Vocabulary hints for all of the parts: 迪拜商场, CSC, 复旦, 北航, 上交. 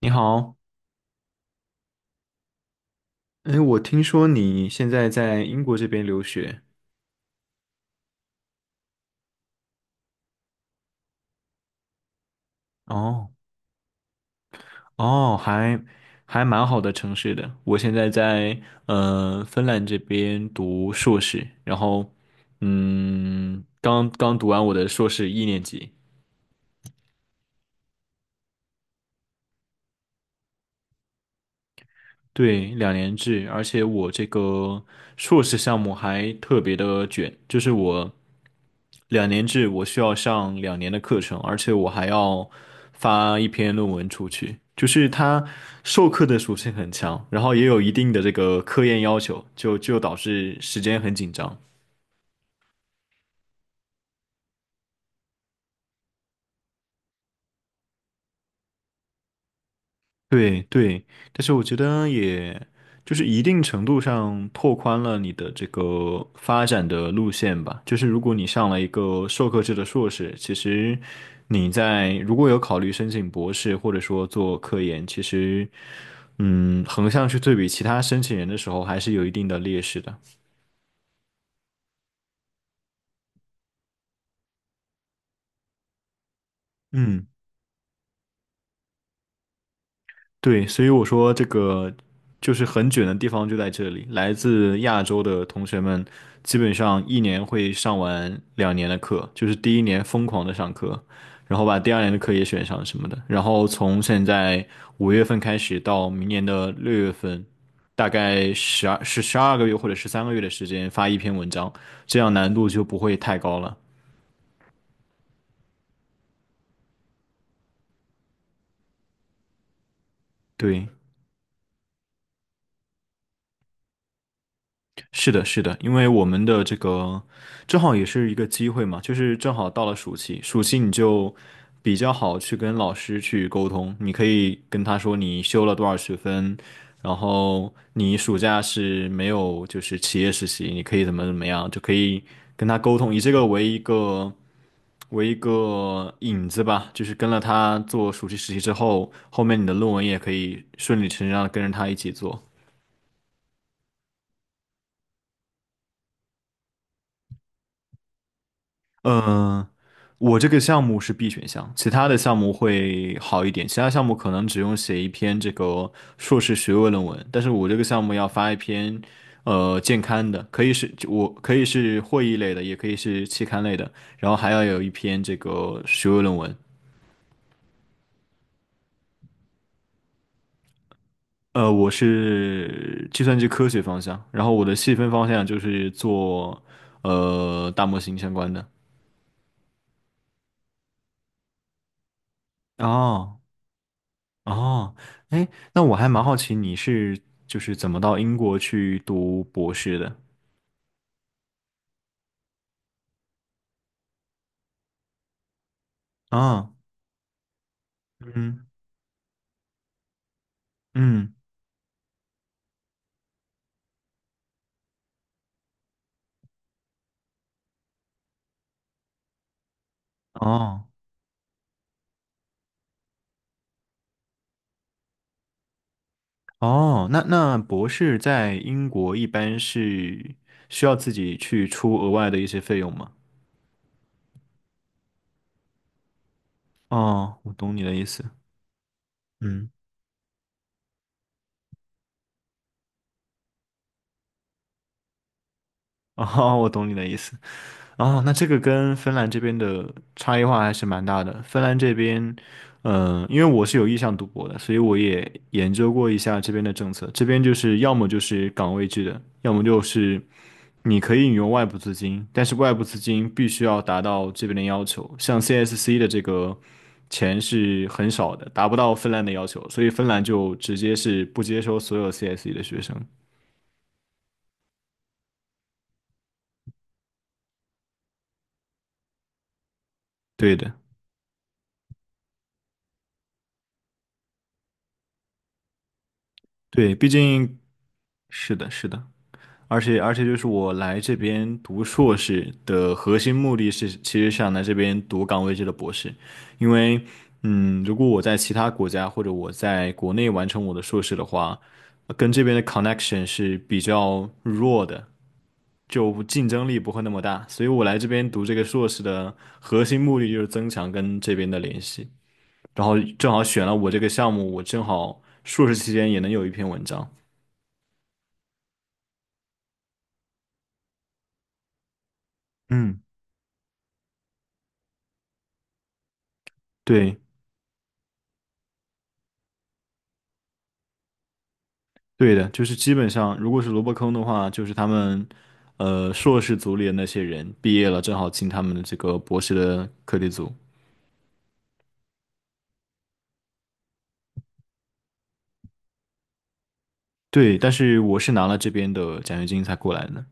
你好，哎，我听说你现在在英国这边留学，哦哦，还蛮好的城市的。我现在在芬兰这边读硕士，然后刚刚读完我的硕士一年级。对，两年制，而且我这个硕士项目还特别的卷，就是我两年制，我需要上两年的课程，而且我还要发一篇论文出去，就是它授课的属性很强，然后也有一定的这个科研要求，就导致时间很紧张。对对，但是我觉得也就是一定程度上拓宽了你的这个发展的路线吧。就是如果你上了一个授课制的硕士，其实你在如果有考虑申请博士或者说做科研，其实横向去对比其他申请人的时候，还是有一定的劣势的。嗯。对，所以我说这个就是很卷的地方就在这里，来自亚洲的同学们基本上一年会上完两年的课，就是第一年疯狂的上课，然后把第二年的课也选上什么的，然后从现在5月份开始到明年的6月份，大概12个月或者13个月的时间发一篇文章，这样难度就不会太高了。对。是的，是的，因为我们的这个正好也是一个机会嘛，就是正好到了暑期，暑期你就比较好去跟老师去沟通，你可以跟他说你修了多少学分，然后你暑假是没有就是企业实习，你可以怎么怎么样，就可以跟他沟通，以这个为一个引子吧，就是跟了他做暑期实习之后，后面你的论文也可以顺理成章的跟着他一起做。嗯，我这个项目是 B 选项，其他的项目会好一点。其他项目可能只用写一篇这个硕士学位论文，但是我这个项目要发一篇健康的，可以是会议类的，也可以是期刊类的，然后还要有一篇这个学位论文。我是计算机科学方向，然后我的细分方向就是做大模型相关的。哦。哦，哎，那我还蛮好奇你是就是怎么到英国去读博士的啊？嗯嗯，哦哦，那博士在英国一般是需要自己去出额外的一些费用吗？哦，我懂你的意思。嗯，哦，我懂你的意思。哦，那这个跟芬兰这边的差异化还是蛮大的。芬兰这边，因为我是有意向读博的，所以我也研究过一下这边的政策。这边就是要么就是岗位制的，要么就是你可以引用外部资金，但是外部资金必须要达到这边的要求。像 CSC 的这个钱是很少的，达不到芬兰的要求，所以芬兰就直接是不接收所有 CSC 的学生。对的，对，毕竟是的，是的。而且就是我来这边读硕士的核心目的是，其实想来这边读岗位制的博士，因为如果我在其他国家或者我在国内完成我的硕士的话，跟这边的 connection 是比较弱的，就竞争力不会那么大，所以我来这边读这个硕士的核心目的就是增强跟这边的联系，然后正好选了我这个项目，我正好硕士期间也能有一篇文章。嗯，对，对的，就是基本上，如果是萝卜坑的话，就是他们，硕士组里的那些人毕业了，正好进他们的这个博士的课题组。对，但是我是拿了这边的奖学金才过来的。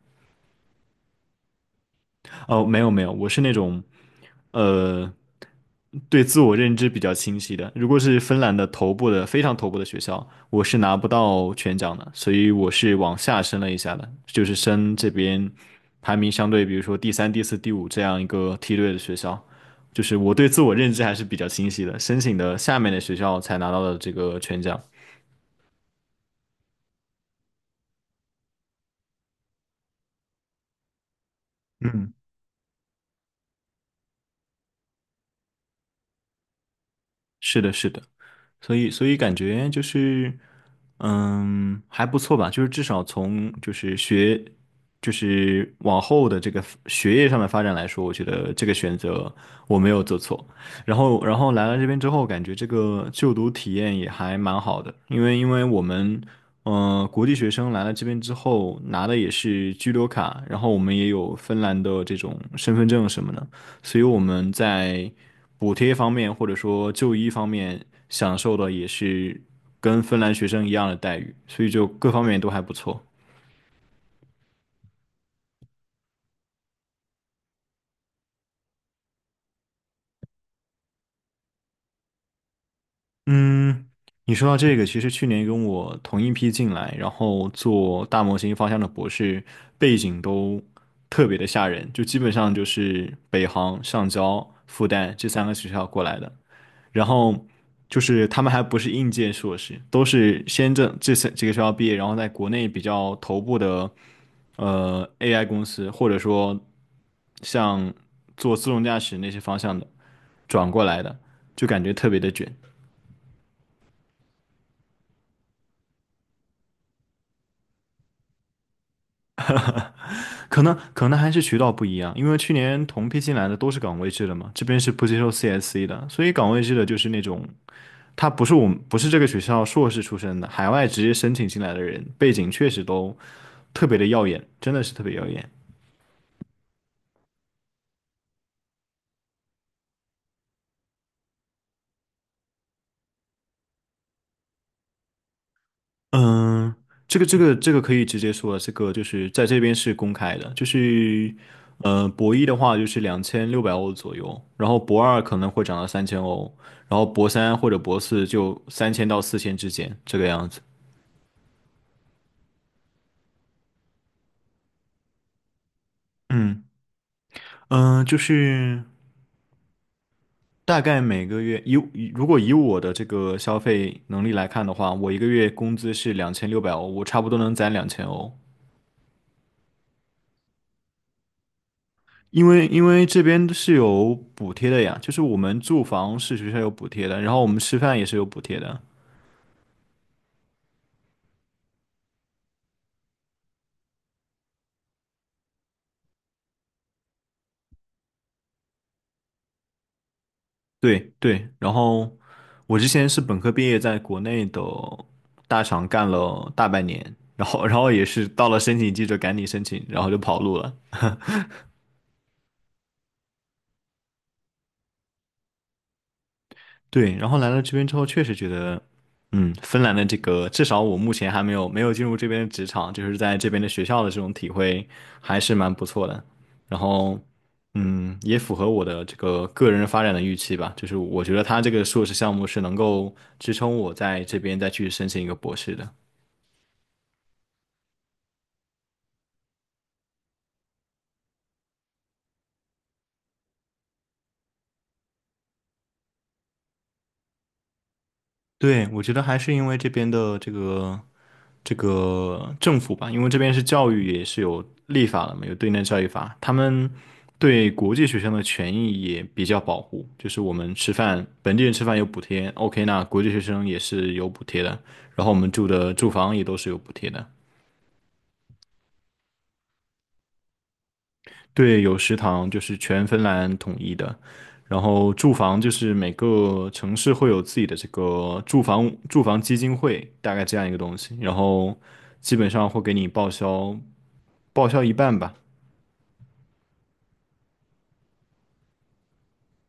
哦，没有没有，我是那种，呃，对自我认知比较清晰的。如果是芬兰的头部的非常头部的学校，我是拿不到全奖的，所以我是往下升了一下的，就是升这边排名相对，比如说第三、第四、第五这样一个梯队的学校。就是我对自我认知还是比较清晰的，申请的下面的学校才拿到了这个全奖。是的，是的。所以感觉就是，还不错吧，就是至少从就是学，就是往后的这个学业上的发展来说，我觉得这个选择我没有做错。然后来了这边之后，感觉这个就读体验也还蛮好的，因为我们。嗯，国际学生来了这边之后，拿的也是居留卡，然后我们也有芬兰的这种身份证什么的，所以我们在补贴方面或者说就医方面享受的也是跟芬兰学生一样的待遇，所以就各方面都还不错。嗯，你说到这个，其实去年跟我同一批进来，然后做大模型方向的博士，背景都特别的吓人，就基本上就是北航、上交、复旦这三个学校过来的，然后。就是他们还不是应届硕士，都是先这三几个学校毕业，然后在国内比较头部的AI 公司，或者说像做自动驾驶那些方向的转过来的，就感觉特别的卷。可能还是渠道不一样，因为去年同批进来的都是岗位制的嘛，这边是不接受 CSC 的，所以岗位制的就是那种他不是我们不是这个学校硕士出身的，海外直接申请进来的人，背景确实都特别的耀眼，真的是特别耀眼。嗯，这个可以直接说了，这个就是在这边是公开的，就是博一的话就是两千六百欧左右，然后博二可能会涨到3000欧，然后博三或者博四就3000到4000之间这个样子。嗯嗯，就是大概每个月如果以我的这个消费能力来看的话，我一个月工资是两千六百欧，我差不多能攒2000欧。因为这边是有补贴的呀，就是我们住房是学校有补贴的，然后我们吃饭也是有补贴的。对对，然后我之前是本科毕业，在国内的大厂干了大半年，然后也是到了申请季就赶紧申请，然后就跑路了。对，然后来了这边之后，确实觉得，芬兰的这个，至少我目前还没有进入这边的职场，就是在这边的学校的这种体会还是蛮不错的。然后，也符合我的这个个人发展的预期吧，就是我觉得他这个硕士项目是能够支撑我在这边再去申请一个博士的。对，我觉得还是因为这边的这个政府吧，因为这边是教育也是有立法的嘛，有对内教育法，他们对国际学生的权益也比较保护，就是我们吃饭，本地人吃饭有补贴，OK，那国际学生也是有补贴的，然后我们住的住房也都是有补贴的，对，有食堂就是全芬兰统一的，然后住房就是每个城市会有自己的这个住房基金会，大概这样一个东西，然后基本上会给你报销一半吧。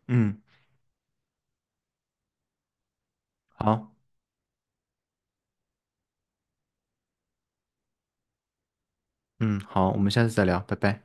嗯，好，嗯，好，我们下次再聊，拜拜。